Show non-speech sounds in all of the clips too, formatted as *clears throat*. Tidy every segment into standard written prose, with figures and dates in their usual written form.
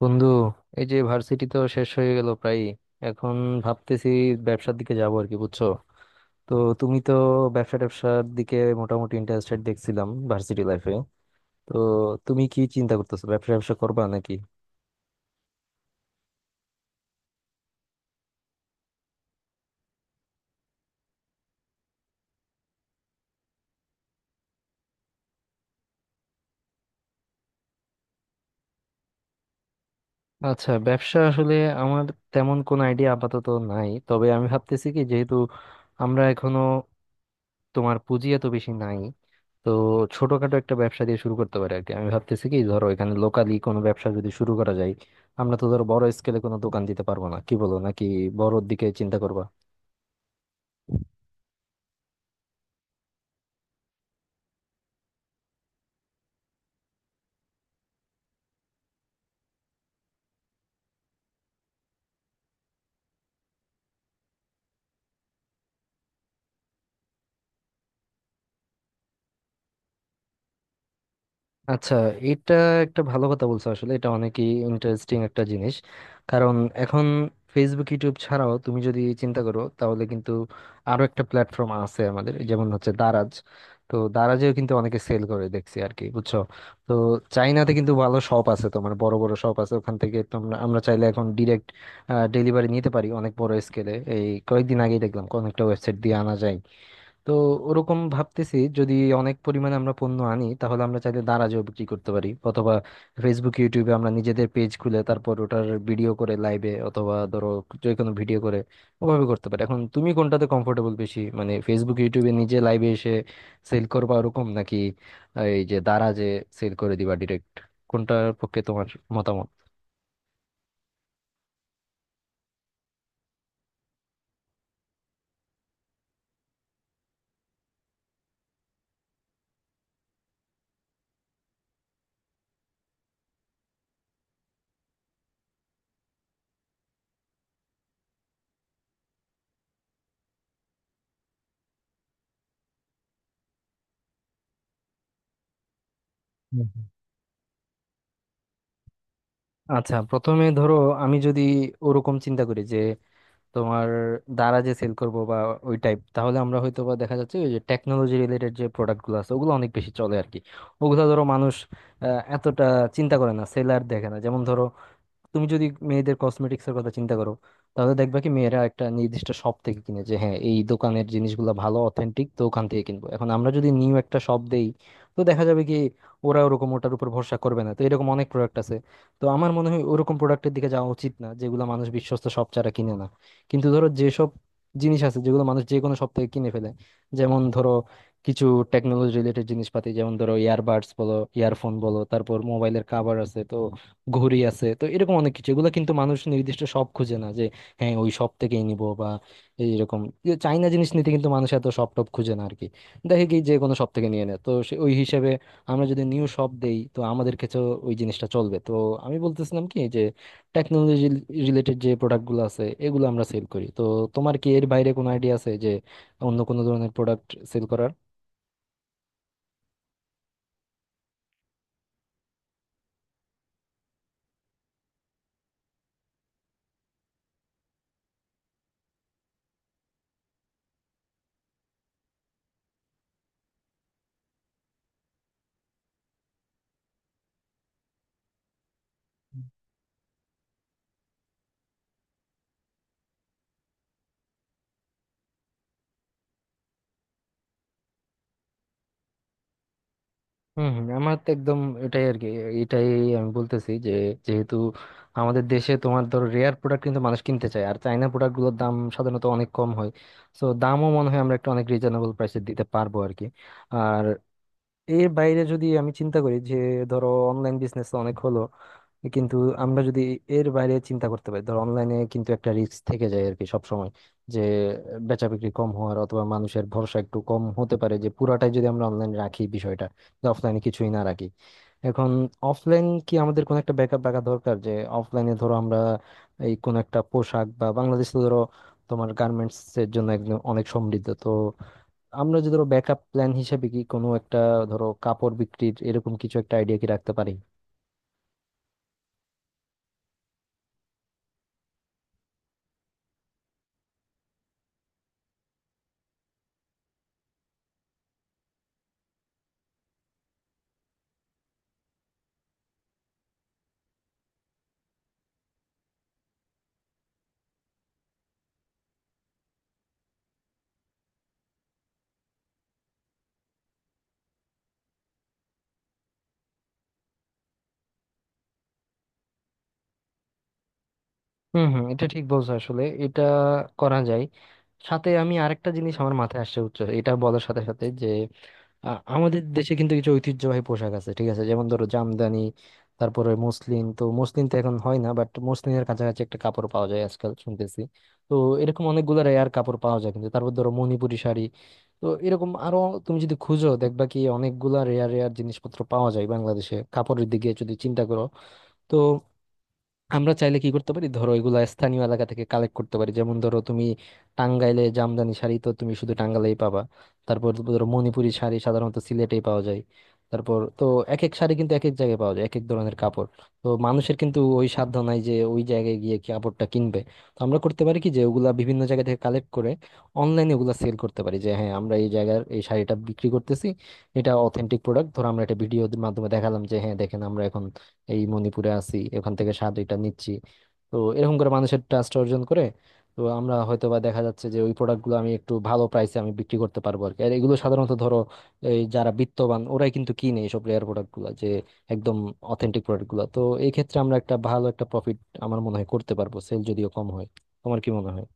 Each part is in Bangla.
বন্ধু, এই যে ভার্সিটি তো শেষ হয়ে গেল প্রায়। এখন ভাবতেছি ব্যবসার দিকে যাবো আর কি, বুঝছো? তো তুমি তো ব্যবসা ট্যাবসার দিকে মোটামুটি ইন্টারেস্টেড দেখছিলাম ভার্সিটি লাইফে। তো তুমি কি চিন্তা করতেছো, ব্যবসা ব্যবসা করবা নাকি? আচ্ছা, ব্যবসা আসলে আমার তেমন কোনো আইডিয়া আপাতত নাই, তবে আমি ভাবতেছি কি, যেহেতু আমরা এখনো তোমার পুঁজি এত বেশি নাই, তো ছোটখাটো একটা ব্যবসা দিয়ে শুরু করতে পারে আর কি। আমি ভাবতেছি কি, ধরো এখানে লোকালি কোনো ব্যবসা যদি শুরু করা যায়। আমরা তো ধরো বড় স্কেলে কোনো দোকান দিতে পারবো না, কি বলো, নাকি বড়োর দিকে চিন্তা করবা? আচ্ছা, এটা একটা ভালো কথা বলছো আসলে, এটা অনেকই ইন্টারেস্টিং একটা জিনিস। কারণ এখন ফেসবুক ইউটিউব ছাড়াও তুমি যদি চিন্তা করো তাহলে কিন্তু আরো একটা প্ল্যাটফর্ম আছে আমাদের, যেমন হচ্ছে দারাজ। তো দারাজেও কিন্তু অনেকে সেল করে দেখছি আর কি, বুঝছো? তো চাইনাতে কিন্তু ভালো শপ আছে, তোমার বড় বড় শপ আছে, ওখান থেকে তোমরা আমরা চাইলে এখন ডিরেক্ট ডেলিভারি নিতে পারি অনেক বড় স্কেলে। এই কয়েকদিন আগেই দেখলাম কোন একটা ওয়েবসাইট দিয়ে আনা যায়। তো ওরকম ভাবতেছি, যদি অনেক পরিমাণে আমরা পণ্য আনি তাহলে আমরা চাইলে দারাজেও বিক্রি করতে পারি, অথবা ফেসবুক ইউটিউবে আমরা নিজেদের পেজ খুলে তারপর ওটার ভিডিও করে লাইভে, অথবা ধরো যে কোনো ভিডিও করে ওভাবে করতে পারি। এখন তুমি কোনটাতে কমফোর্টেবল বেশি, মানে ফেসবুক ইউটিউবে নিজে লাইভে এসে সেল করবা ওরকম, নাকি এই যে দারাজে সেল করে দিবা ডিরেক্ট, কোনটার পক্ষে তোমার মতামত? হুম, হুম। আচ্ছা, প্রথমে ধরো আমি যদি ওরকম চিন্তা করি যে তোমার দ্বারা যে সেল করব বা ওই টাইপ, তাহলে আমরা হয়তো বা দেখা যাচ্ছে ওই যে টেকনোলজি রিলেটেড যে প্রোডাক্টগুলো আছে, ওগুলো অনেক বেশি চলে আর কি। ওগুলো ধরো মানুষ এতটা চিন্তা করে না, সেলার দেখে না। যেমন ধরো তুমি যদি মেয়েদের কসমেটিক্স এর কথা চিন্তা করো, তাহলে দেখবা কি মেয়েরা একটা নির্দিষ্ট শপ থেকে কিনে, যে হ্যাঁ এই দোকানের জিনিসগুলো ভালো অথেন্টিক, তো ওখান থেকে কিনবো। এখন আমরা যদি নিউ একটা শপ দেই, তো দেখা যাবে কি ওরা ওরকম ওটার উপর ভরসা করবে না। তো এরকম অনেক প্রোডাক্ট আছে। তো আমার মনে হয় ওরকম প্রোডাক্টের দিকে যাওয়া উচিত না, যেগুলো মানুষ বিশ্বস্ত শপ ছাড়া কিনে না। কিন্তু ধরো যেসব জিনিস আছে যেগুলো মানুষ যে কোনো শপ থেকে কিনে ফেলে, যেমন ধরো কিছু টেকনোলজি রিলেটেড জিনিসপাতি, যেমন ধরো ইয়ারবাডস বলো, ইয়ারফোন বলো, তারপর মোবাইলের কাভার আছে তো, ঘড়ি আছে তো, এরকম অনেক কিছু, এগুলো কিন্তু মানুষ নির্দিষ্ট শপ খুঁজে না, যে হ্যাঁ ওই শপ থেকেই নিব বা এইরকম। যে চাইনা জিনিস নিতে কিন্তু মানুষ এত শপ টপ খুঁজে না আর কি, দেখে কি যে কোনো শপ থেকে নিয়ে নেয়। তো ওই হিসেবে আমরা যদি নিউ শপ দেই, তো আমাদের কাছে ওই জিনিসটা চলবে। তো আমি বলতেছিলাম কি যে টেকনোলজি রিলেটেড যে প্রোডাক্টগুলো আছে, এগুলো আমরা সেল করি। তো তোমার কি এর বাইরে কোনো আইডিয়া আছে যে অন্য কোনো ধরনের প্রোডাক্ট সেল করার? হম হম, আমার তো একদম এটাই আর কি, এটাই আমি বলতেছি। যে যেহেতু আমাদের দেশে তোমার ধরো রেয়ার প্রোডাক্ট কিন্তু মানুষ কিনতে চায়, আর চাইনা প্রোডাক্ট গুলোর দাম সাধারণত অনেক কম হয়, সো দামও মনে হয় আমরা একটা অনেক রিজনেবল প্রাইসে দিতে পারবো আর কি। আর এর বাইরে যদি আমি চিন্তা করি যে ধরো অনলাইন বিজনেস অনেক হলো, কিন্তু আমরা যদি এর বাইরে চিন্তা করতে পারি, ধর অনলাইনে কিন্তু একটা রিস্ক থেকে যায় আর কি সব সময়, যে বেচা বিক্রি কম হওয়ার, অথবা মানুষের ভরসা একটু কম হতে পারে, যে পুরাটাই যদি আমরা অনলাইনে রাখি বিষয়টা, যে অফলাইনে কিছুই না রাখি। এখন অফলাইন কি আমাদের কোনো একটা ব্যাকআপ রাখা দরকার, যে অফলাইনে ধরো আমরা এই কোন একটা পোশাক, বা বাংলাদেশ তো ধরো তোমার গার্মেন্টস এর জন্য একদম অনেক সমৃদ্ধ, তো আমরা যদি ধরো ব্যাকআপ প্ল্যান হিসেবে কি কোনো একটা ধরো কাপড় বিক্রির এরকম কিছু একটা আইডিয়া কি রাখতে পারি? হুম হুম, এটা ঠিক বলছো আসলে, এটা করা যায়। সাথে আমি আরেকটা জিনিস আমার মাথায় আসছে উচ্চ, এটা বলার সাথে সাথে যে আমাদের দেশে কিন্তু কিছু ঐতিহ্যবাহী পোশাক আছে ঠিক আছে, যেমন ধরো জামদানি, তারপরে মসলিন। তো মসলিন তো এখন হয় না, বাট মসলিনের কাছাকাছি একটা কাপড় পাওয়া যায় আজকাল শুনতেছি। তো এরকম অনেকগুলো রেয়ার কাপড় পাওয়া যায় কিন্তু, তারপর ধরো মণিপুরী শাড়ি, তো এরকম আরো, তুমি যদি খুঁজো দেখবা কি অনেকগুলা রেয়ার রেয়ার জিনিসপত্র পাওয়া যায় বাংলাদেশে কাপড়ের দিকে যদি চিন্তা করো। তো আমরা চাইলে কি করতে পারি, ধরো এগুলা স্থানীয় এলাকা থেকে কালেক্ট করতে পারি। যেমন ধরো তুমি টাঙ্গাইলে জামদানি শাড়ি, তো তুমি শুধু টাঙ্গাইলেই পাবা। তারপর ধরো মণিপুরি শাড়ি সাধারণত সিলেটেই পাওয়া যায়। তারপর তো এক এক শাড়ি কিন্তু এক এক জায়গায় পাওয়া যায়, এক এক ধরনের কাপড়। তো মানুষের কিন্তু ওই সাধ্য নাই যে ওই জায়গায় গিয়ে কাপড়টা কিনবে। তো আমরা করতে পারি কি যে ওগুলা বিভিন্ন জায়গা থেকে কালেক্ট করে অনলাইনে ওগুলা সেল করতে পারি, যে হ্যাঁ আমরা এই জায়গার এই শাড়িটা বিক্রি করতেছি, এটা অথেন্টিক প্রোডাক্ট। ধরো আমরা একটা ভিডিওর মাধ্যমে দেখালাম যে হ্যাঁ দেখেন, আমরা এখন এই মণিপুরে আছি, এখান থেকে স্বাদ এটা নিচ্ছি। তো এরকম করে মানুষের ট্রাস্ট অর্জন করে তো আমরা হয়তো বা দেখা যাচ্ছে যে ওই প্রোডাক্টগুলো আমি একটু ভালো প্রাইসে আমি বিক্রি করতে পারবো আর কি। আর এগুলো সাধারণত ধরো এই যারা বিত্তবান ওরাই কিন্তু কিনে এইসব রেয়ার প্রোডাক্টগুলো, যে একদম অথেন্টিক প্রোডাক্টগুলো। তো এই ক্ষেত্রে আমরা একটা ভালো একটা প্রফিট আমার মনে হয় করতে পারবো, সেল যদিও কম হয়। তোমার কি মনে হয়?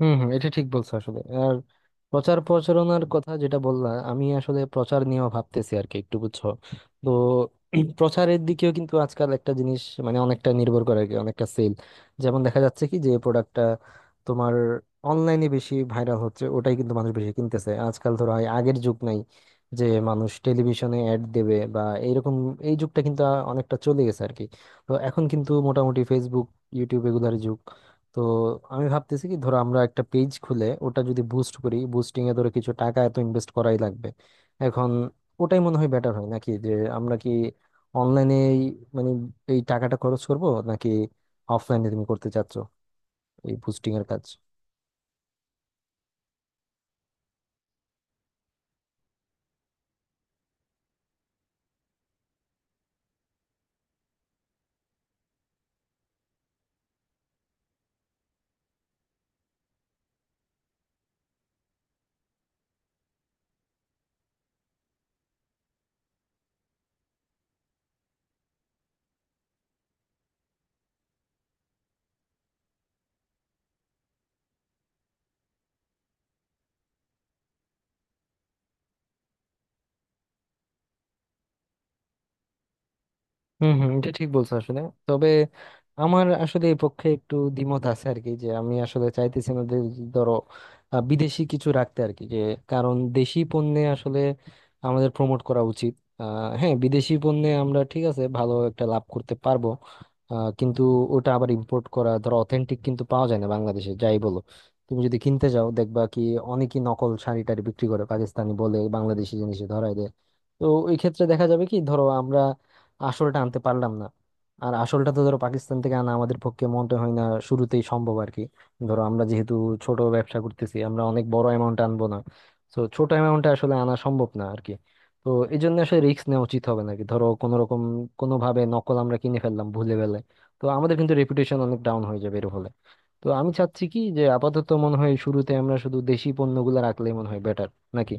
হম হম, এটা ঠিক বলছো আসলে। আর প্রচার প্রচারণার কথা যেটা বললা, আমি আসলে প্রচার নিয়েও ভাবতেছি আর কি একটু, বুঝছো? তো *clears throat* প্রচারের দিকেও কিন্তু আজকাল একটা জিনিস মানে অনেকটা নির্ভর করে আর কি, অনেকটা সেল। যেমন দেখা যাচ্ছে কি যে প্রোডাক্টটা তোমার অনলাইনে বেশি ভাইরাল হচ্ছে ওটাই কিন্তু মানুষ বেশি কিনতেছে আজকাল। ধরো হয় আগের যুগ নাই যে মানুষ টেলিভিশনে অ্যাড দেবে বা এইরকম, এই যুগটা কিন্তু অনেকটা চলে গেছে আর কি। তো এখন কিন্তু মোটামুটি ফেসবুক ইউটিউব এগুলার যুগ। তো আমি ভাবতেছি কি, ধরো আমরা একটা পেজ খুলে ওটা যদি বুস্ট করি, বুস্টিং এ ধরো কিছু টাকা এত ইনভেস্ট করাই লাগবে। এখন ওটাই মনে হয় বেটার হয় নাকি, যে আমরা কি অনলাইনে মানে এই টাকাটা খরচ করব, নাকি অফলাইনে তুমি করতে চাচ্ছ এই বুস্টিং এর কাজ? হম হম, এটা ঠিক বলছো আসলে। তবে আমার আসলে এই পক্ষে একটু দ্বিমত আছে আর কি, যে আমি আসলে চাইতেছি না যে ধরো বিদেশি কিছু রাখতে আর কি। যে কারণ দেশি পণ্যে আসলে আমাদের প্রমোট করা উচিত। হ্যাঁ, বিদেশি পণ্যে আমরা ঠিক আছে ভালো একটা লাভ করতে পারবো, কিন্তু ওটা আবার ইম্পোর্ট করা, ধরো অথেন্টিক কিন্তু পাওয়া যায় না বাংলাদেশে যাই বলো। তুমি যদি কিনতে যাও দেখবা কি অনেকই নকল শাড়ি টাড়ি বিক্রি করে, পাকিস্তানি বলে বাংলাদেশি জিনিসে ধরাই দেয়। তো এই ক্ষেত্রে দেখা যাবে কি ধরো আমরা আসলটা আনতে পারলাম না। আর আসলটা তো ধরো পাকিস্তান থেকে আনা আমাদের পক্ষে মনে হয় না শুরুতেই সম্ভব আর কি। ধরো আমরা যেহেতু ছোট ব্যবসা করতেছি, আমরা অনেক বড় অ্যামাউন্ট আনবো না। তো ছোট অ্যামাউন্টে আসলে আনা সম্ভব না আর কি। তো এই জন্য আসলে রিস্ক নেওয়া উচিত হবে নাকি, ধরো কোনো রকম কোনো ভাবে নকল আমরা কিনে ফেললাম ভুলে গেলে, তো আমাদের কিন্তু রেপুটেশন অনেক ডাউন হয়ে যাবে এর ফলে। তো আমি চাচ্ছি কি যে আপাতত মনে হয় শুরুতে আমরা শুধু দেশি পণ্যগুলো রাখলেই মনে হয় বেটার, নাকি?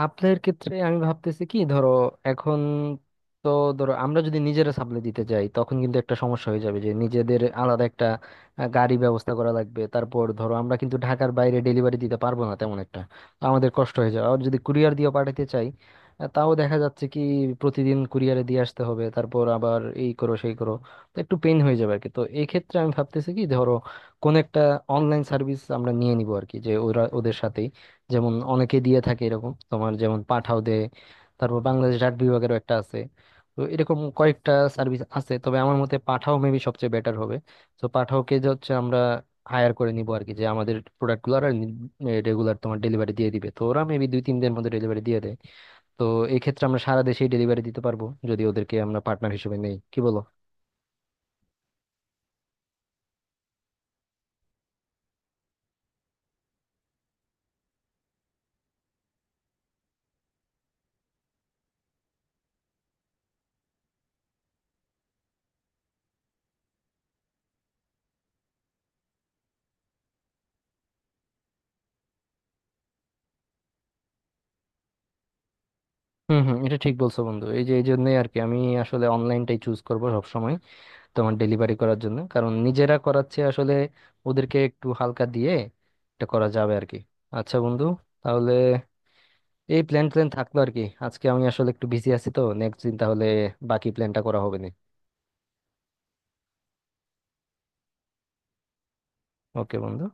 সাপ্লাইয়ের ক্ষেত্রে আমি ভাবতেছি কি, ধরো এখন তো ধরো আমরা যদি নিজেরা সাপ্লাই দিতে যাই, তখন কিন্তু একটা সমস্যা হয়ে যাবে, যে নিজেদের আলাদা একটা গাড়ি ব্যবস্থা করা লাগবে। তারপর ধরো আমরা কিন্তু ঢাকার বাইরে ডেলিভারি দিতে পারবো না তেমন একটা, তো আমাদের কষ্ট হয়ে যাবে। আর যদি কুরিয়ার দিয়ে পাঠাতে চাই, তাও দেখা যাচ্ছে কি প্রতিদিন কুরিয়ারে দিয়ে আসতে হবে, তারপর আবার এই করো সেই করো, তো একটু পেইন হয়ে যাবে আর কি। তো এই ক্ষেত্রে আমি ভাবতেছি কি, ধরো কোন একটা অনলাইন সার্ভিস আমরা নিয়ে নিবো আর কি, যে ওরা ওদের সাথেই, যেমন অনেকে দিয়ে থাকে এরকম, তোমার যেমন পাঠাও দেয়, তারপর বাংলাদেশ ডাক বিভাগেরও একটা আছে, তো এরকম কয়েকটা সার্ভিস আছে। তবে আমার মতে পাঠাও মেবি সবচেয়ে বেটার হবে। তো পাঠাওকে যে হচ্ছে আমরা হায়ার করে নিব আর কি, যে আমাদের প্রোডাক্টগুলো আর রেগুলার তোমার ডেলিভারি দিয়ে দিবে। তো ওরা মেবি দুই তিন দিনের মধ্যে ডেলিভারি দিয়ে দেয়। তো এই ক্ষেত্রে আমরা সারা দেশেই ডেলিভারি দিতে পারবো যদি ওদেরকে আমরা পার্টনার হিসেবে নেই, কি বলো? হুম হুম, এটা ঠিক বলছো বন্ধু। এই যে এই জন্যই আর কি আমি আসলে অনলাইনটাই চুজ করবো সবসময় তোমার ডেলিভারি করার জন্য, কারণ নিজেরা করাচ্ছে আসলে ওদেরকে একটু হালকা দিয়ে এটা করা যাবে আর কি। আচ্ছা বন্ধু, তাহলে এই প্ল্যান প্ল্যান থাকলো আর কি। আজকে আমি আসলে একটু বিজি আছি, তো নেক্সট দিন তাহলে বাকি প্ল্যানটা করা হবে না। ওকে বন্ধু।